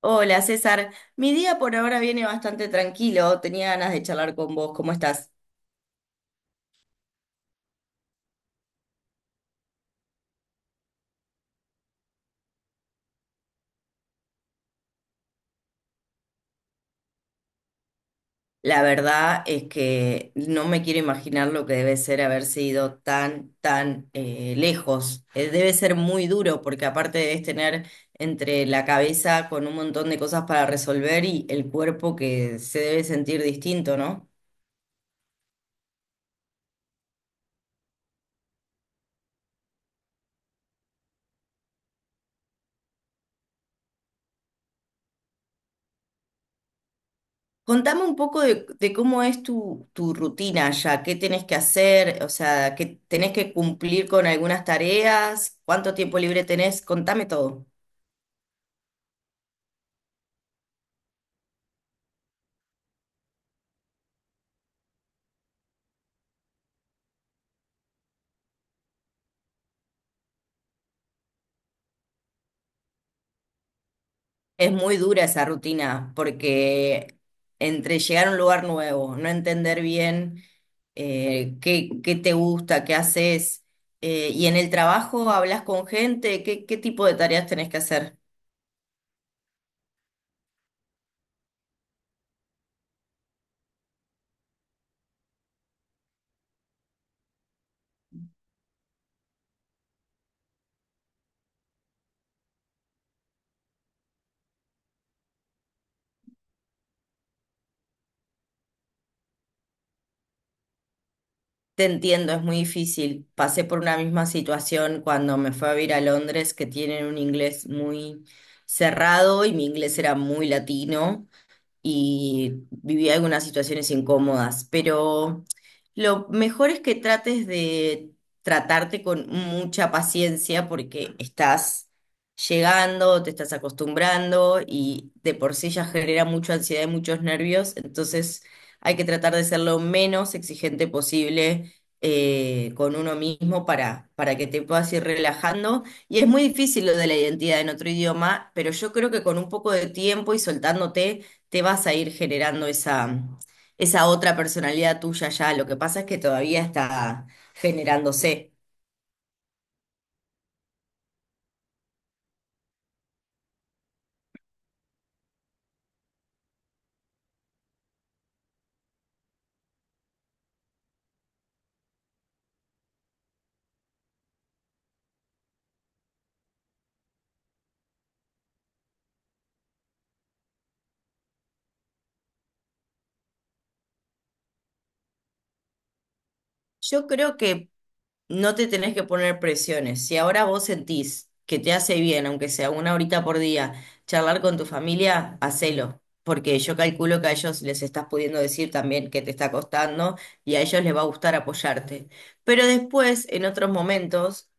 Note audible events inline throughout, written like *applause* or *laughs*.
Hola César, mi día por ahora viene bastante tranquilo, tenía ganas de charlar con vos, ¿cómo estás? La verdad es que no me quiero imaginar lo que debe ser haberse ido tan, tan lejos. Debe ser muy duro porque aparte debes tener entre la cabeza con un montón de cosas para resolver y el cuerpo que se debe sentir distinto, ¿no? Contame un poco de cómo es tu rutina ya, qué tenés que hacer, o sea, que tenés que cumplir con algunas tareas, cuánto tiempo libre tenés, contame todo. Es muy dura esa rutina porque entre llegar a un lugar nuevo, no entender bien qué te gusta, qué haces, y en el trabajo hablas con gente, qué tipo de tareas tenés que hacer. Te entiendo, es muy difícil. Pasé por una misma situación cuando me fui a vivir a Londres, que tienen un inglés muy cerrado y mi inglés era muy latino y viví algunas situaciones incómodas, pero lo mejor es que trates de tratarte con mucha paciencia porque estás llegando, te estás acostumbrando y de por sí ya genera mucha ansiedad y muchos nervios, entonces hay que tratar de ser lo menos exigente posible. Con uno mismo para que te puedas ir relajando. Y es muy difícil lo de la identidad en otro idioma, pero yo creo que con un poco de tiempo y soltándote, te vas a ir generando esa otra personalidad tuya ya. Lo que pasa es que todavía está generándose. Yo creo que no te tenés que poner presiones. Si ahora vos sentís que te hace bien, aunque sea una horita por día, charlar con tu familia, hacelo. Porque yo calculo que a ellos les estás pudiendo decir también que te está costando y a ellos les va a gustar apoyarte. Pero después, en otros momentos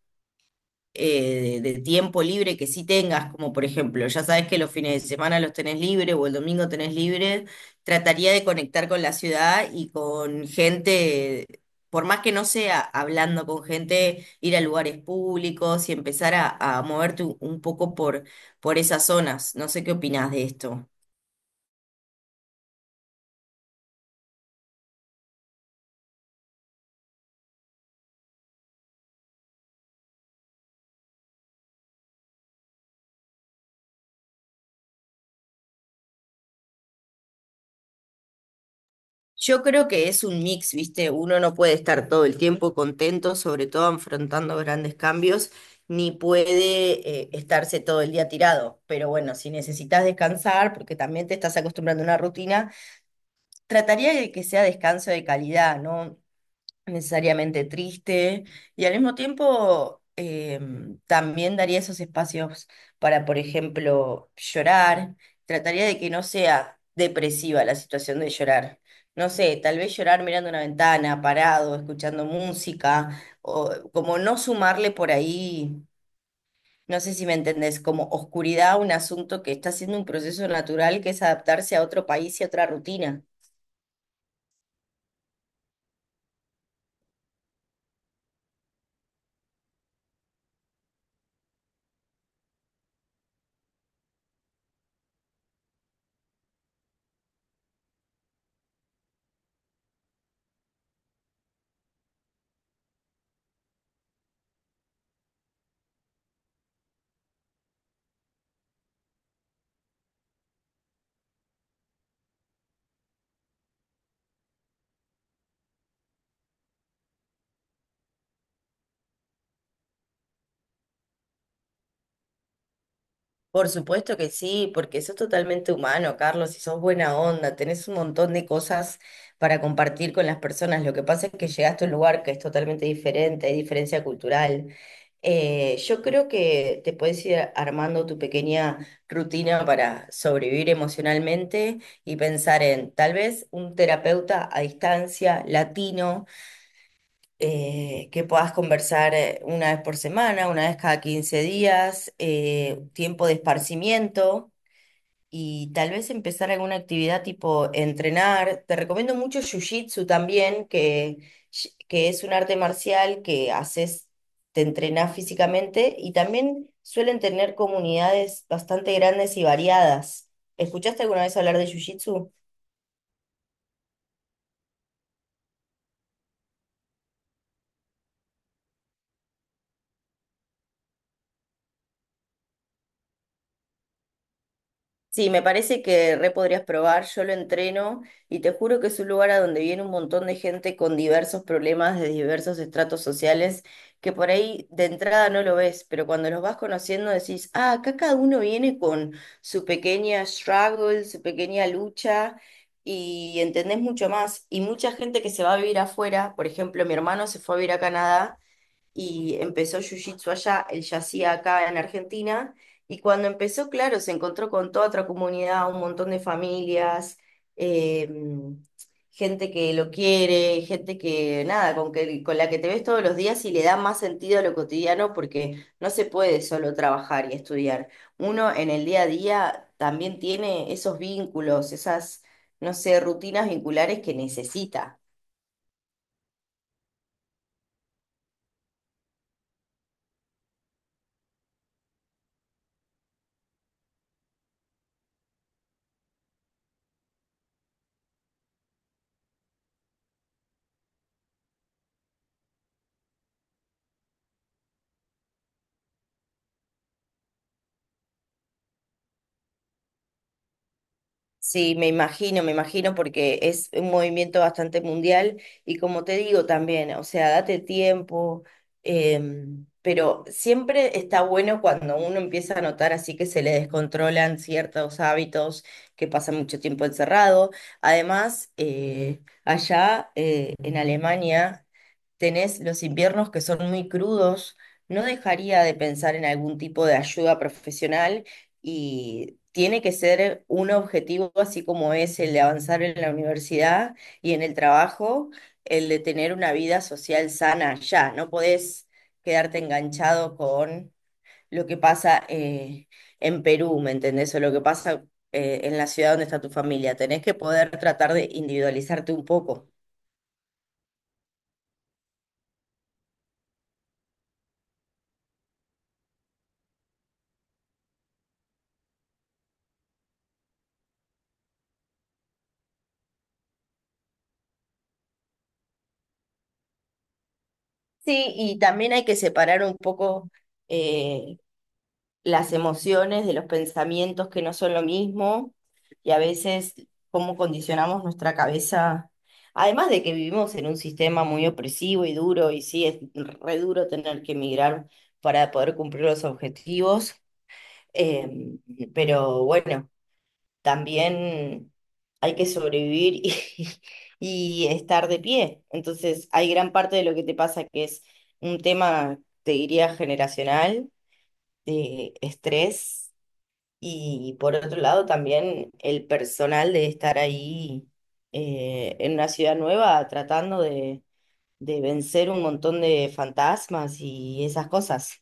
de tiempo libre que sí tengas, como por ejemplo, ya sabes que los fines de semana los tenés libre o el domingo tenés libre, trataría de conectar con la ciudad y con gente, por más que no sea hablando con gente, ir a lugares públicos y empezar a moverte un poco por esas zonas. No sé qué opinás de esto. Yo creo que es un mix, ¿viste? Uno no puede estar todo el tiempo contento, sobre todo afrontando grandes cambios, ni puede estarse todo el día tirado. Pero bueno, si necesitas descansar, porque también te estás acostumbrando a una rutina, trataría de que sea descanso de calidad, ¿no? Necesariamente triste y al mismo tiempo también daría esos espacios para, por ejemplo, llorar. Trataría de que no sea depresiva la situación de llorar. No sé, tal vez llorar mirando una ventana, parado, escuchando música, o como no sumarle por ahí, no sé si me entendés, como oscuridad a un asunto que está siendo un proceso natural que es adaptarse a otro país y a otra rutina. Por supuesto que sí, porque eso es totalmente humano, Carlos, y sos buena onda, tenés un montón de cosas para compartir con las personas. Lo que pasa es que llegaste a un lugar que es totalmente diferente, hay diferencia cultural. Yo creo que te puedes ir armando tu pequeña rutina para sobrevivir emocionalmente y pensar en tal vez un terapeuta a distancia, latino, que puedas conversar una vez por semana, una vez cada 15 días, tiempo de esparcimiento y tal vez empezar alguna actividad tipo entrenar. Te recomiendo mucho Jiu-Jitsu también, que es un arte marcial que haces, te entrenás físicamente y también suelen tener comunidades bastante grandes y variadas. ¿Escuchaste alguna vez hablar de Jiu-Jitsu? Sí, me parece que re podrías probar, yo lo entreno y te juro que es un lugar a donde viene un montón de gente con diversos problemas de diversos estratos sociales que por ahí de entrada no lo ves, pero cuando los vas conociendo decís, ah, acá cada uno viene con su pequeña struggle, su pequeña lucha y entendés mucho más. Y mucha gente que se va a vivir afuera, por ejemplo, mi hermano se fue a vivir a Canadá y empezó Jiu-Jitsu allá, él ya hacía acá en Argentina, y cuando empezó, claro, se encontró con toda otra comunidad, un montón de familias, eh, gente que lo quiere, gente que, nada, con que, con la que te ves todos los días y le da más sentido a lo cotidiano porque no se puede solo trabajar y estudiar. Uno en el día a día también tiene esos vínculos, no sé, rutinas vinculares que necesita. Sí, me imagino, porque es un movimiento bastante mundial y como te digo también, o sea, date tiempo, pero siempre está bueno cuando uno empieza a notar así que se le descontrolan ciertos hábitos, que pasa mucho tiempo encerrado. Además, allá en Alemania tenés los inviernos que son muy crudos, no dejaría de pensar en algún tipo de ayuda profesional y tiene que ser un objetivo, así como es el de avanzar en la universidad y en el trabajo, el de tener una vida social sana ya. No podés quedarte enganchado con lo que pasa en Perú, ¿me entendés? O lo que pasa en la ciudad donde está tu familia. Tenés que poder tratar de individualizarte un poco. Sí, y también hay que separar un poco eh, las emociones de los pensamientos que no son lo mismo y a veces cómo condicionamos nuestra cabeza. Además de que vivimos en un sistema muy opresivo y duro, y sí, es re duro tener que emigrar para poder cumplir los objetivos, eh, pero bueno también hay que sobrevivir *laughs* y estar de pie. Entonces, hay gran parte de lo que te pasa que es un tema, te diría, generacional, de estrés, y por otro lado también el personal de estar ahí en una ciudad nueva tratando de vencer un montón de fantasmas y esas cosas.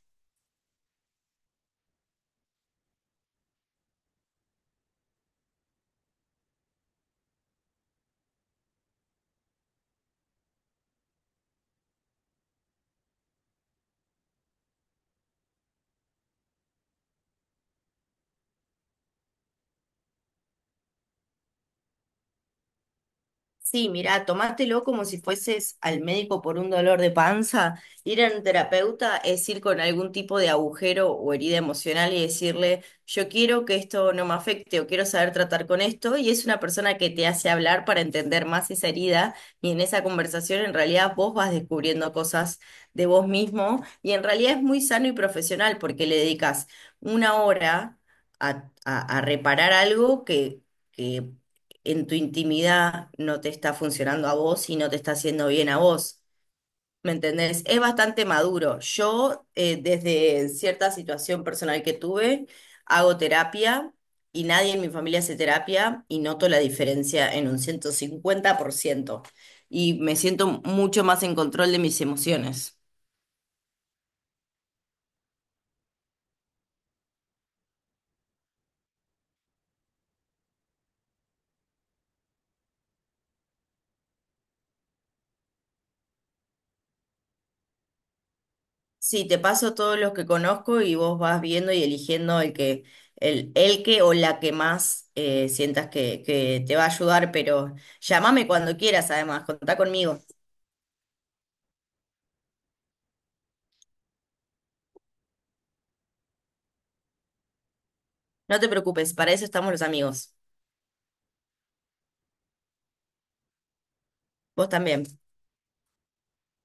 Sí, mirá, tomátelo como si fueses al médico por un dolor de panza. Ir a un terapeuta es ir con algún tipo de agujero o herida emocional y decirle, yo quiero que esto no me afecte o quiero saber tratar con esto. Y es una persona que te hace hablar para entender más esa herida. Y en esa conversación en realidad vos vas descubriendo cosas de vos mismo. Y en realidad es muy sano y profesional porque le dedicas una hora a reparar algo que en tu intimidad no te está funcionando a vos y no te está haciendo bien a vos. ¿Me entendés? Es bastante maduro. Yo, desde cierta situación personal que tuve, hago terapia y nadie en mi familia hace terapia y noto la diferencia en un 150% y me siento mucho más en control de mis emociones. Sí, te paso todos los que conozco y vos vas viendo y eligiendo el que, el que o la que más sientas que te va a ayudar, pero llámame cuando quieras, además, contá conmigo. No te preocupes, para eso estamos los amigos. Vos también.